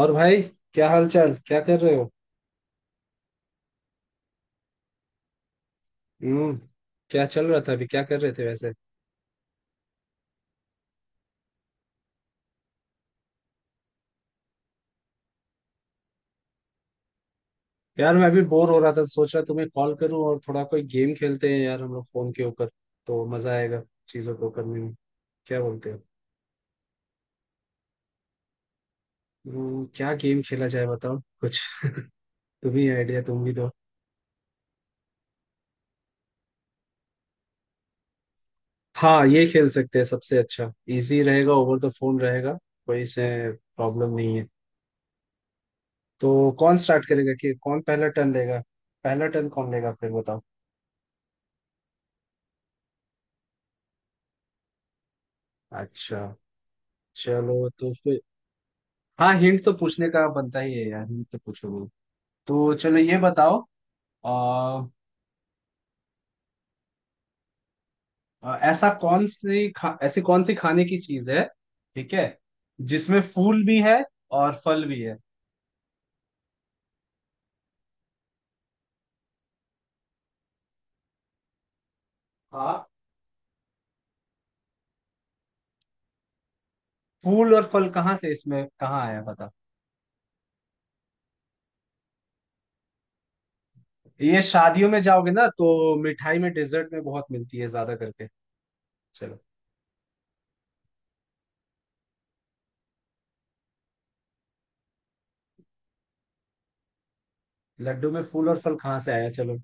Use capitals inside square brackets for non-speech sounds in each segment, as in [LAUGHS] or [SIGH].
और भाई, क्या हाल चाल? क्या कर रहे हो? हम्म। क्या चल रहा था? अभी क्या कर रहे थे वैसे? यार, मैं अभी बोर हो रहा था, सोच रहा तुम्हें कॉल करूं और थोड़ा कोई गेम खेलते हैं यार, हम लोग फोन के ऊपर। तो मजा आएगा चीजों को करने में। क्या बोलते हो? क्या गेम खेला जाए? बताओ कुछ। [LAUGHS] तुम ही आइडिया, तुम भी दो। हाँ, ये खेल सकते हैं, सबसे अच्छा। इजी रहेगा, ओवर द फोन रहेगा। कोई इसमें प्रॉब्लम नहीं है। तो कौन स्टार्ट करेगा, कि कौन पहला टर्न लेगा? पहला टर्न कौन लेगा फिर? बताओ। अच्छा। चलो तो फिर। हाँ, हिंट तो पूछने का बनता ही है यार, हिंट तो पूछोगे। तो चलो, ये बताओ। आ, आ, ऐसा कौन सी खा, ऐसी कौन सी खाने की चीज है? ठीक है। जिसमें फूल भी है और फल भी है। हाँ। फूल और फल कहाँ से, इसमें कहाँ आया? बता। ये शादियों में जाओगे ना, तो मिठाई में, डेजर्ट में बहुत मिलती है ज्यादा करके। चलो। लड्डू में फूल और फल कहाँ से आया? चलो।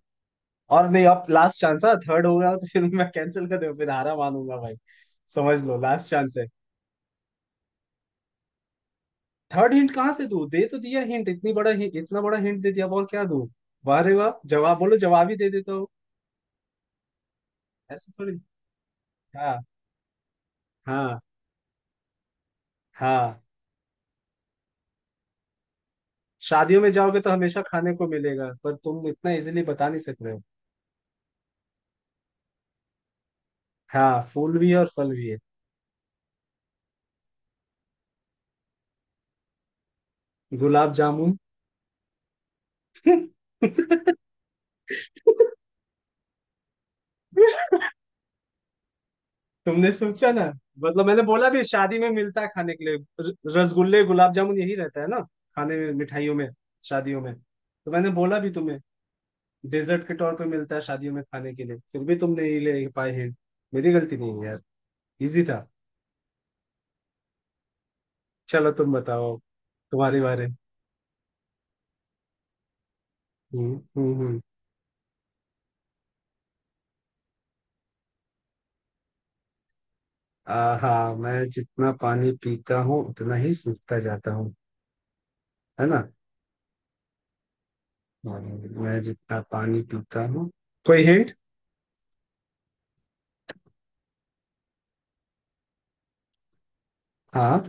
और नहीं, अब लास्ट चांस है। थर्ड होगा तो फिर मैं कैंसिल कर दूं, फिर हारा मानूंगा भाई। समझ लो, लास्ट चांस है। थर्ड हिंट कहाँ से दूँ? दे तो दिया हिंट, इतनी बड़ा हिंट इतना बड़ा हिंट दे दिया, अब और क्या दूँ? वाह रे वाह, जवाब बोलो, जवाब ही दे देता हूँ। ऐसे थोड़ी। हाँ, हाँ, हाँ। शादियों में जाओगे तो हमेशा खाने को मिलेगा, पर तुम इतना इजीली बता नहीं सक रहे हो। हाँ, फूल भी है और फल भी है। गुलाब जामुन। [LAUGHS] तुमने सोचा ना। मतलब मैंने बोला भी, शादी में मिलता है खाने के लिए, रसगुल्ले, गुलाब जामुन, यही रहता है ना। खाने में, मिठाइयों में। शादियों में तो मैंने बोला भी तुम्हें। डेजर्ट के तौर पे मिलता है शादियों में खाने के लिए, फिर भी तुम नहीं ले पाए हिंट। मेरी गलती नहीं है यार। इजी था। चलो, तुम बताओ। तुम्हारे बारे। हम्म, हम्म, हाँ, मैं जितना पानी पीता हूँ उतना ही सूखता जाता हूँ। है ना। और मैं जितना पानी पीता हूँ। कोई हिंट? हाँ,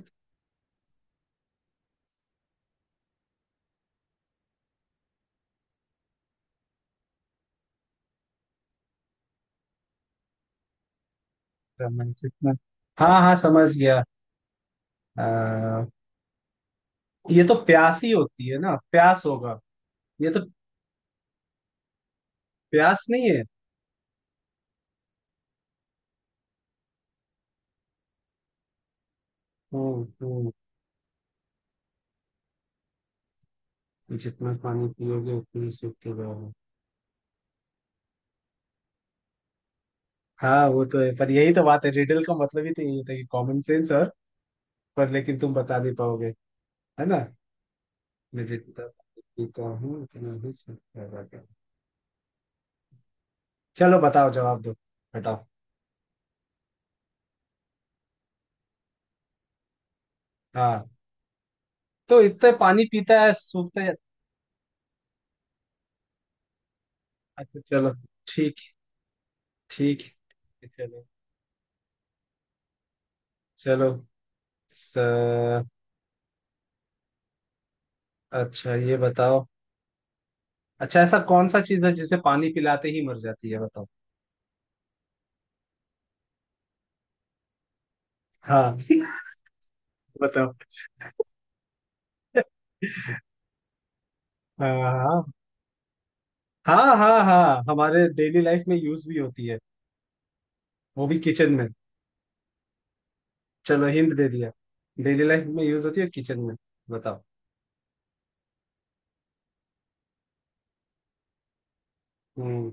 मैं जितना। हाँ, हाँ, समझ गया। आ, ये तो प्यास ही होती है ना, प्यास होगा। ये तो। प्यास नहीं है। हम्म, जितना पानी पियोगे उतनी सूखते जाओगे। हाँ, वो तो है, पर यही तो बात है, रिडल का मतलब ही तो यही होता है, कि कॉमन सेंस और। पर लेकिन तुम बता नहीं पाओगे। है ना। मैं जितना जीता हूँ उतना ही सूखता जाता हूँ। चलो, बताओ, जवाब दो। बताओ। हाँ, तो इतना पानी पीता है, सूखता है। अच्छा, चलो। ठीक। ठीक। चलो, चलो। स... अच्छा, ये बताओ। अच्छा, ऐसा कौन सा चीज है जिसे पानी पिलाते ही मर जाती है? बताओ। हाँ। [LAUGHS] बताओ। हाँ, हाँ। हाँ, हाँ, हाँ, हमारे डेली लाइफ में यूज भी होती है। वो भी किचन में। चलो, हिंट दे दिया। डेली लाइफ में यूज होती है, किचन में। बताओ। हम्म।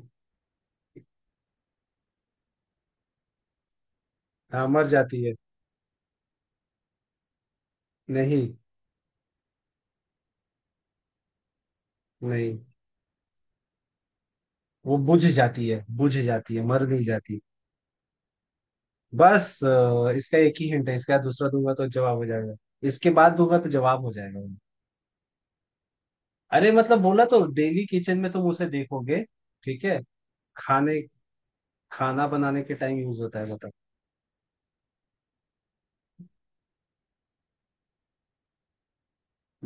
हाँ, मर जाती है। नहीं। नहीं, वो बुझ जाती है, बुझ जाती है, मर नहीं जाती। बस इसका एक ही हिंट है, इसका दूसरा दूंगा तो जवाब हो जाएगा। इसके बाद दूंगा तो जवाब हो जाएगा। अरे, मतलब बोला तो, डेली किचन में तुम उसे देखोगे। ठीक है। खाने। खाना बनाने के टाइम यूज होता है मतलब।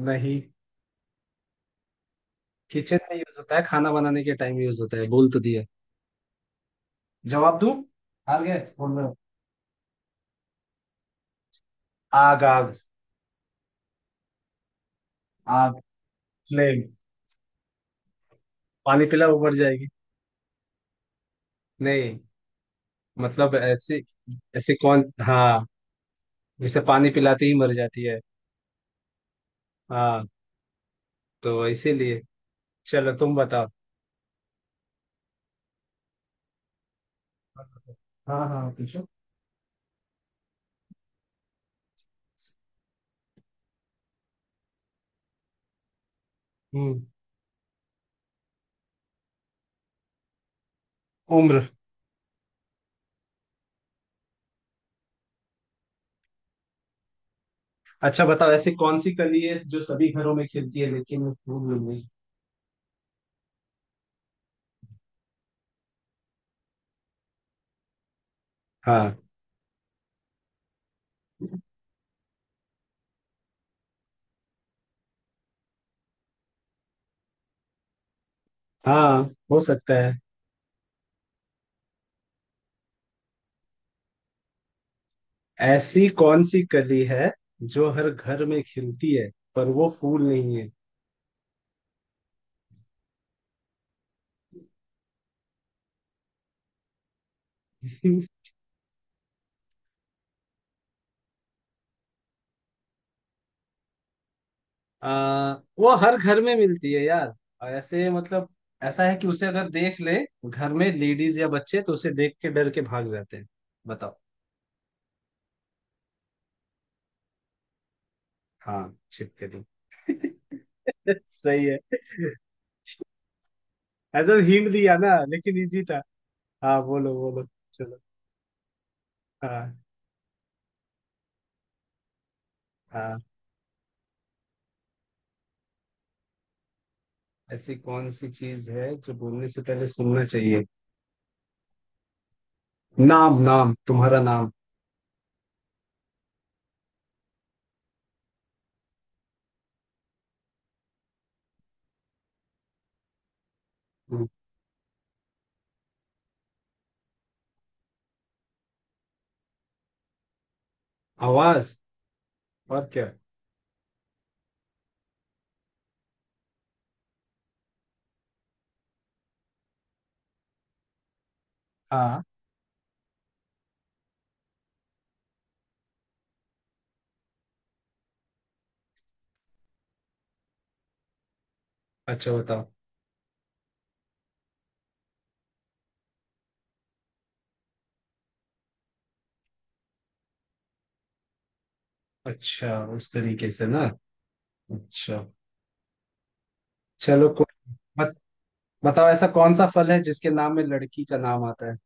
नहीं। किचन में यूज होता है, खाना बनाने के टाइम यूज होता है, बोल तो दिया। जवाब दूं? हार गए, बोल रहे हो? आग, आग। आग। फ्लेम। पानी पिला उबर जाएगी। नहीं। मतलब ऐसे। ऐसे कौन, हाँ। जिसे पानी पिलाते ही मर जाती है। हाँ। तो इसीलिए। चलो, तुम बताओ। हाँ, हाँ, पूछो। हम्म। उम्र। अच्छा, बताओ, ऐसी कौन सी कली है जो सभी घरों में खिलती है लेकिन फूल नहीं? हाँ। हाँ, हो सकता है। ऐसी कौन सी कली है जो हर घर में खिलती है, पर वो फूल नहीं है? [LAUGHS] आ, वो हर घर में मिलती है यार। और ऐसे मतलब। ऐसा है कि उसे अगर देख ले घर में लेडीज या बच्चे, तो उसे देख के डर के भाग जाते हैं। बताओ। हाँ, छिपकली। [LAUGHS] सही है। ऐसा हिंट दिया ना, लेकिन इजी था। हाँ, बोलो, बोलो। चलो। हाँ। हाँ, ऐसी कौन सी चीज है जो बोलने से पहले सुनना चाहिए? नाम, नाम तुम्हारा नाम। हम्म। आवाज। और क्या? हाँ। अच्छा, बताओ। अच्छा, उस तरीके से ना। अच्छा। चलो, कोई। बत, बताओ, ऐसा कौन सा फल है जिसके नाम में लड़की का नाम आता है?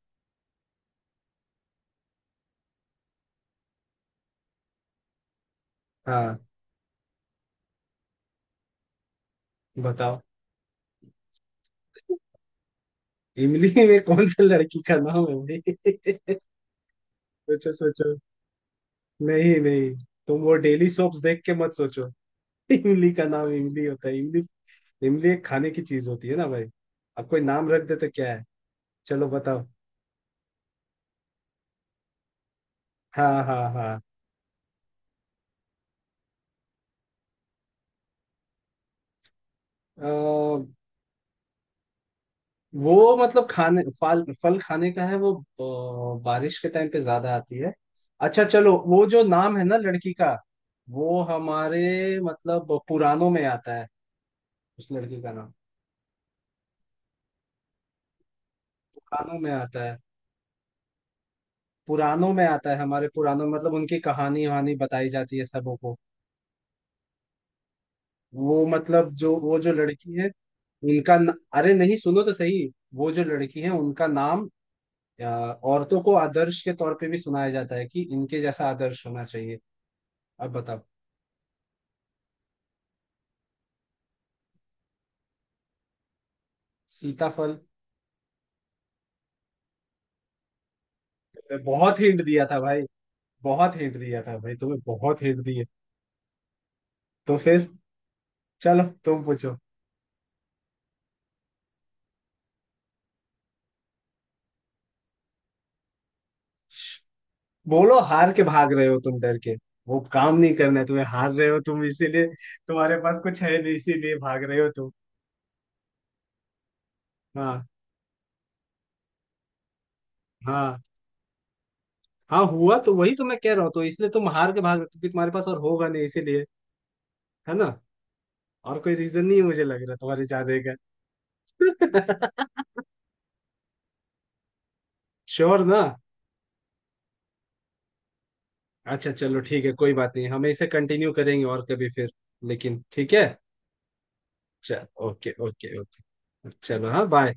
हाँ। बताओ। इमली में कौन सा लड़की का नाम है भाई? [LAUGHS] सोचो, सोचो। नहीं, नहीं। तुम वो डेली सोप्स देख के मत सोचो। [LAUGHS] इमली का नाम इमली होता है, इमली। इमली एक खाने की चीज होती है ना भाई। अब कोई नाम रख दे तो क्या है? चलो, बताओ। हाँ, हाँ, हाँ। वो मतलब खाने फल, फल खाने का है वो। बारिश के टाइम पे ज्यादा आती है। अच्छा, चलो, वो जो नाम है ना लड़की का। वो हमारे मतलब पुराणों में आता है। उस लड़की का नाम। पुराणों में आता है। पुराणों में आता है हमारे पुराणों में, मतलब उनकी कहानी वहानी बताई जाती है सबों को। वो मतलब जो वो जो लड़की है। उनका न... अरे नहीं, सुनो तो सही। वो जो लड़की है उनका नाम। औरतों को आदर्श के तौर पे भी सुनाया जाता है, कि इनके जैसा आदर्श होना चाहिए। अब बताओ। सीताफल। बहुत हिंट दिया था भाई। बहुत हिंट दिया था भाई, तुम्हें बहुत हिंट दिए। तो फिर। चलो, तुम पूछो। बोलो, हार के भाग रहे हो तुम, डर के। वो काम नहीं करना है तुम्हें, हार रहे हो तुम इसीलिए। तुम्हारे पास कुछ है नहीं, इसीलिए भाग रहे हो तुम। हाँ, हाँ, हाँ, हुआ तो वही, तो मैं कह रहा हूँ, तो इसलिए तुम हार के भाग रहे हो, क्योंकि तुम्हारे पास और होगा नहीं, इसीलिए। है ना। और कोई रीजन नहीं है, मुझे लग रहा तुम्हारे जाने का। [LAUGHS] श्योर ना? अच्छा, चलो, ठीक है, कोई बात नहीं, हम इसे कंटिन्यू करेंगे और कभी फिर। लेकिन ठीक है। चल, ओके, ओके, ओके, चलो, हाँ, बाय।